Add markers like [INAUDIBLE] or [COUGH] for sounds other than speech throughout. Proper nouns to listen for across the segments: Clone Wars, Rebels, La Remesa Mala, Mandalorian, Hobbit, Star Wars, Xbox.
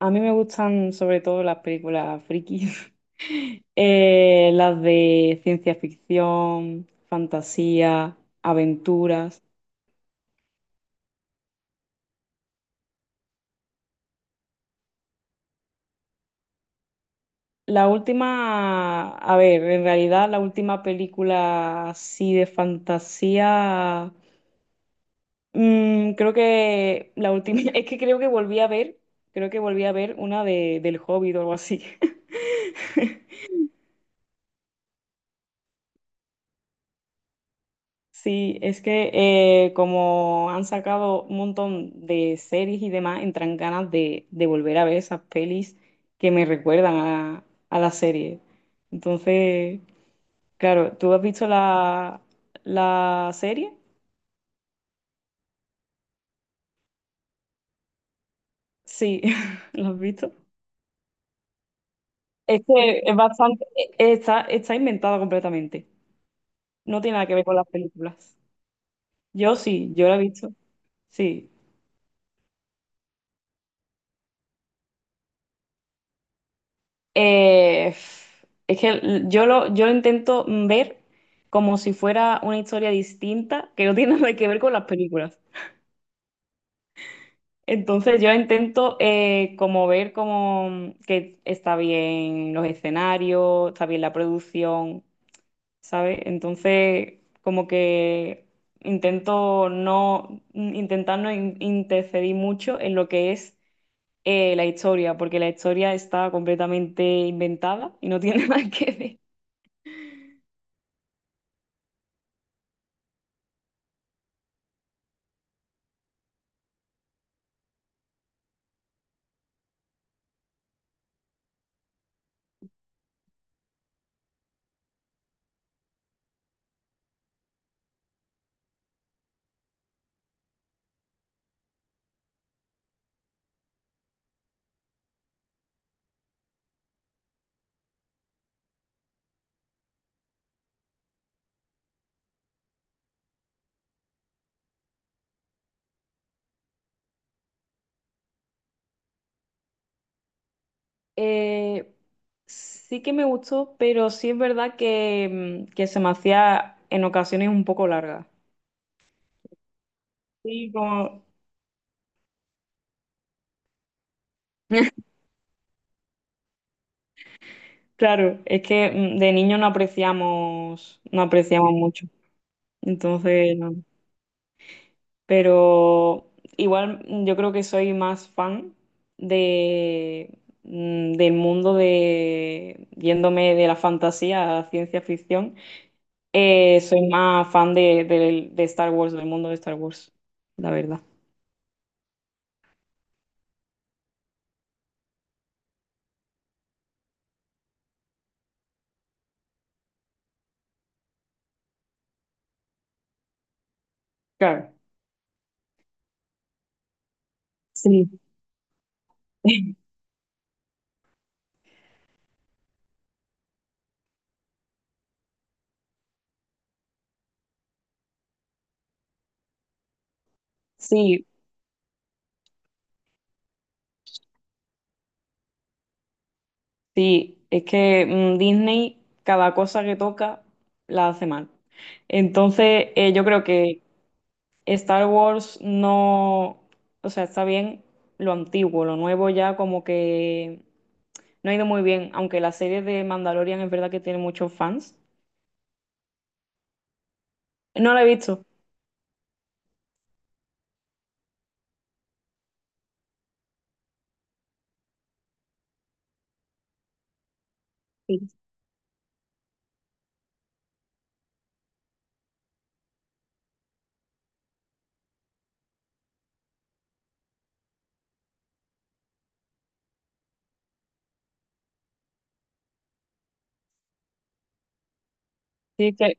A mí me gustan sobre todo las películas frikis. [LAUGHS] Las de ciencia ficción, fantasía, aventuras. La última, a ver, en realidad la última película así de fantasía, creo que la última, [LAUGHS] es que creo que volví a ver, creo que volví a ver una del Hobbit o algo así. [LAUGHS] Sí, es que como han sacado un montón de series y demás, entran ganas de volver a ver esas pelis que me recuerdan a la serie. Entonces, claro, ¿tú has visto la serie? Sí. [LAUGHS] ¿La has visto? Es que es bastante, está, está inventada completamente. No tiene nada que ver con las películas. Yo sí, yo la he visto. Sí. Eh, es que yo lo intento ver como si fuera una historia distinta que no tiene [LAUGHS] nada que ver con las películas. Entonces yo intento como ver como que está bien los escenarios, está bien la producción, ¿sabes? Entonces como que intento intentar no interferir mucho en lo que es la historia, porque la historia está completamente inventada y no tiene [LAUGHS] nada que ver. Eh, sí que me gustó, pero sí es verdad que, que se me hacía en ocasiones un poco larga. Sí, como, claro, es que de niño no apreciamos, no apreciamos mucho. Entonces, no. Pero igual yo creo que soy más fan de, del mundo de, yéndome de la fantasía a la ciencia ficción, soy más fan de, de Star Wars, del mundo de Star Wars, la verdad. Claro. Sí. [LAUGHS] Sí, sí, es que Disney cada cosa que toca la hace mal. Entonces, yo creo que Star Wars no, o sea, está bien lo antiguo, lo nuevo ya como que no ha ido muy bien, aunque la serie de Mandalorian es verdad que tiene muchos fans. No la he visto. Sí. Sí, es que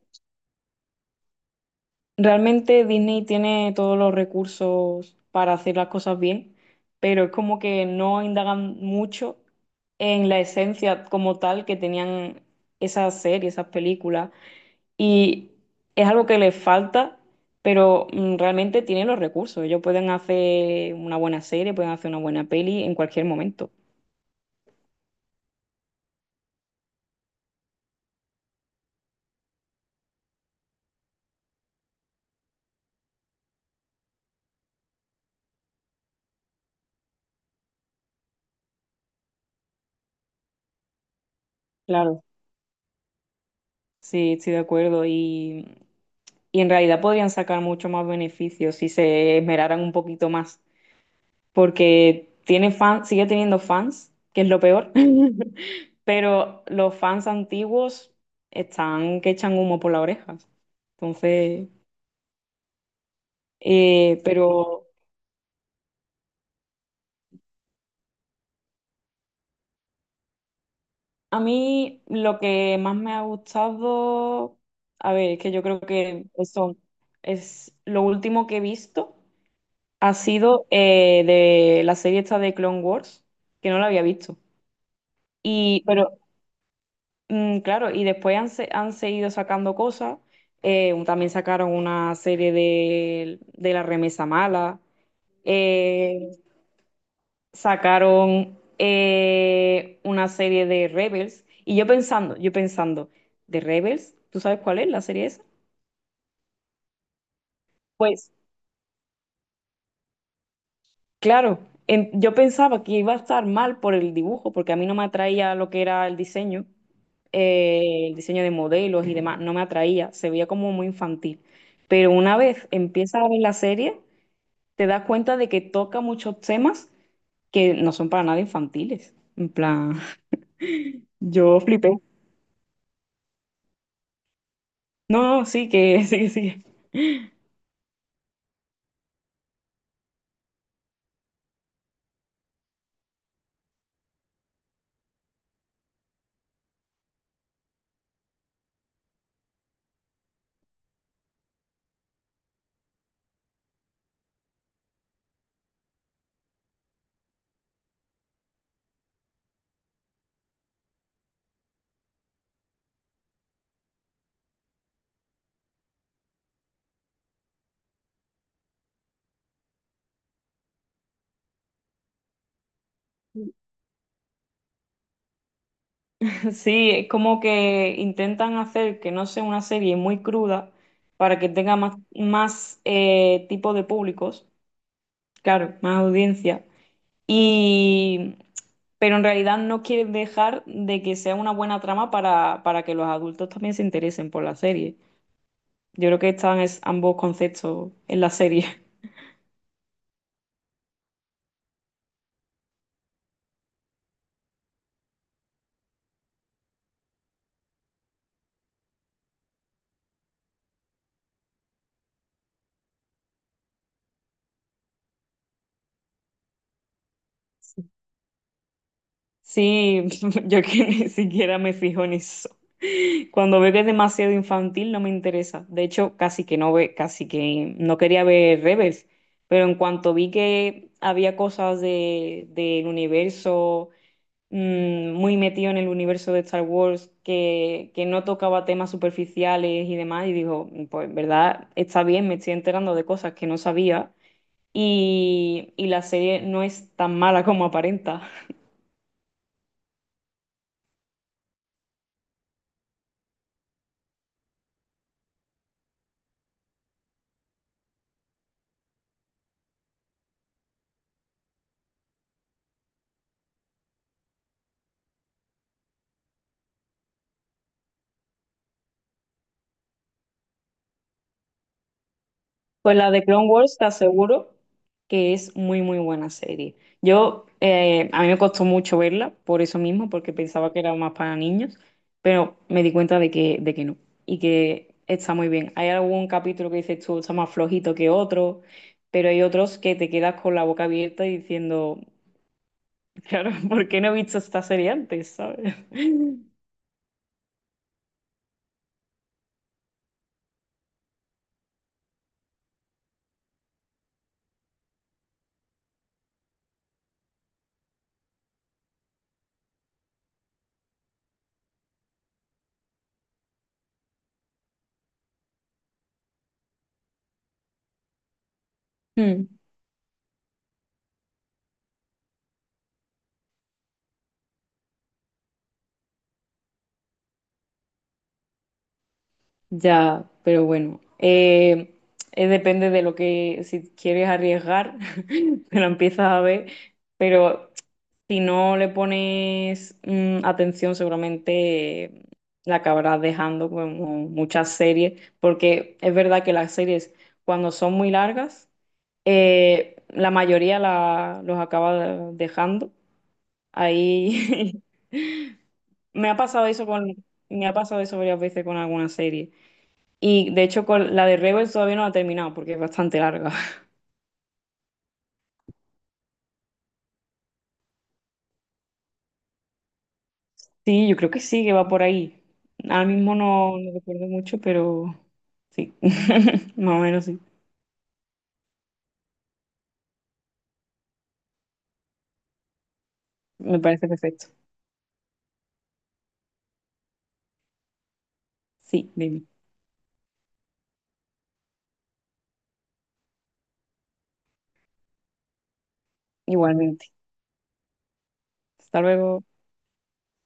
realmente Disney tiene todos los recursos para hacer las cosas bien, pero es como que no indagan mucho en la esencia como tal que tenían esas series, esas películas. Y es algo que les falta, pero realmente tienen los recursos. Ellos pueden hacer una buena serie, pueden hacer una buena peli en cualquier momento. Claro, sí, estoy de acuerdo. Y en realidad podrían sacar mucho más beneficios si se esmeraran un poquito más, porque tiene fans, sigue teniendo fans, que es lo peor. [LAUGHS] Pero los fans antiguos están que echan humo por las orejas. Entonces, pero a mí lo que más me ha gustado, a ver, es que yo creo que eso es lo último que he visto, ha sido de la serie esta de Clone Wars, que no la había visto. Y, pero claro, y después han, han seguido sacando cosas. También sacaron una serie de La Remesa Mala. eh, Sacaron una serie de Rebels. Y yo pensando, ¿de Rebels? ¿Tú sabes cuál es la serie esa? Pues claro, yo pensaba que iba a estar mal por el dibujo, porque a mí no me atraía lo que era el diseño de modelos y demás, no me atraía, se veía como muy infantil. Pero una vez empiezas a ver la serie, te das cuenta de que toca muchos temas que no son para nada infantiles. En plan, [LAUGHS] yo flipé. No, no, sí, que [LAUGHS] sí, que sí. Sí, es como que intentan hacer que no sea una serie muy cruda para que tenga más, más tipo de públicos, claro, más audiencia. Y, pero en realidad no quieren dejar de que sea una buena trama para que los adultos también se interesen por la serie. Yo creo que están ambos conceptos en la serie. Sí, [LAUGHS] yo que ni siquiera me fijo en eso. Cuando veo que es demasiado infantil no me interesa. De hecho, casi que no quería ver Rebels, pero en cuanto vi que había cosas de, del universo muy metido en el universo de Star Wars, que no tocaba temas superficiales y demás, y digo, pues en verdad está bien, me estoy enterando de cosas que no sabía, y la serie no es tan mala como aparenta. Pues la de Clone Wars te aseguro que es muy, muy buena serie. Yo, a mí me costó mucho verla, por eso mismo, porque pensaba que era más para niños, pero me di cuenta de que no, y que está muy bien. Hay algún capítulo que dices tú, está más flojito que otro, pero hay otros que te quedas con la boca abierta y diciendo, claro, [LAUGHS] ¿por qué no he visto esta serie antes? ¿Sabes? [LAUGHS] Mm. Ya, pero bueno, depende de lo que, si quieres arriesgar, [LAUGHS] te lo empiezas a ver, pero si no le pones atención, seguramente la acabarás dejando como muchas series, porque es verdad que las series cuando son muy largas, la mayoría los acaba dejando. Ahí [LAUGHS] me ha pasado eso con, me ha pasado eso varias veces con alguna serie. Y de hecho, con la de Rebels todavía no la he terminado porque es bastante larga. [LAUGHS] Sí, yo creo que sí, que va por ahí. Ahora mismo no, no recuerdo mucho, pero sí, [LAUGHS] más o menos sí. Me parece perfecto. Sí, baby. Igualmente. Hasta luego.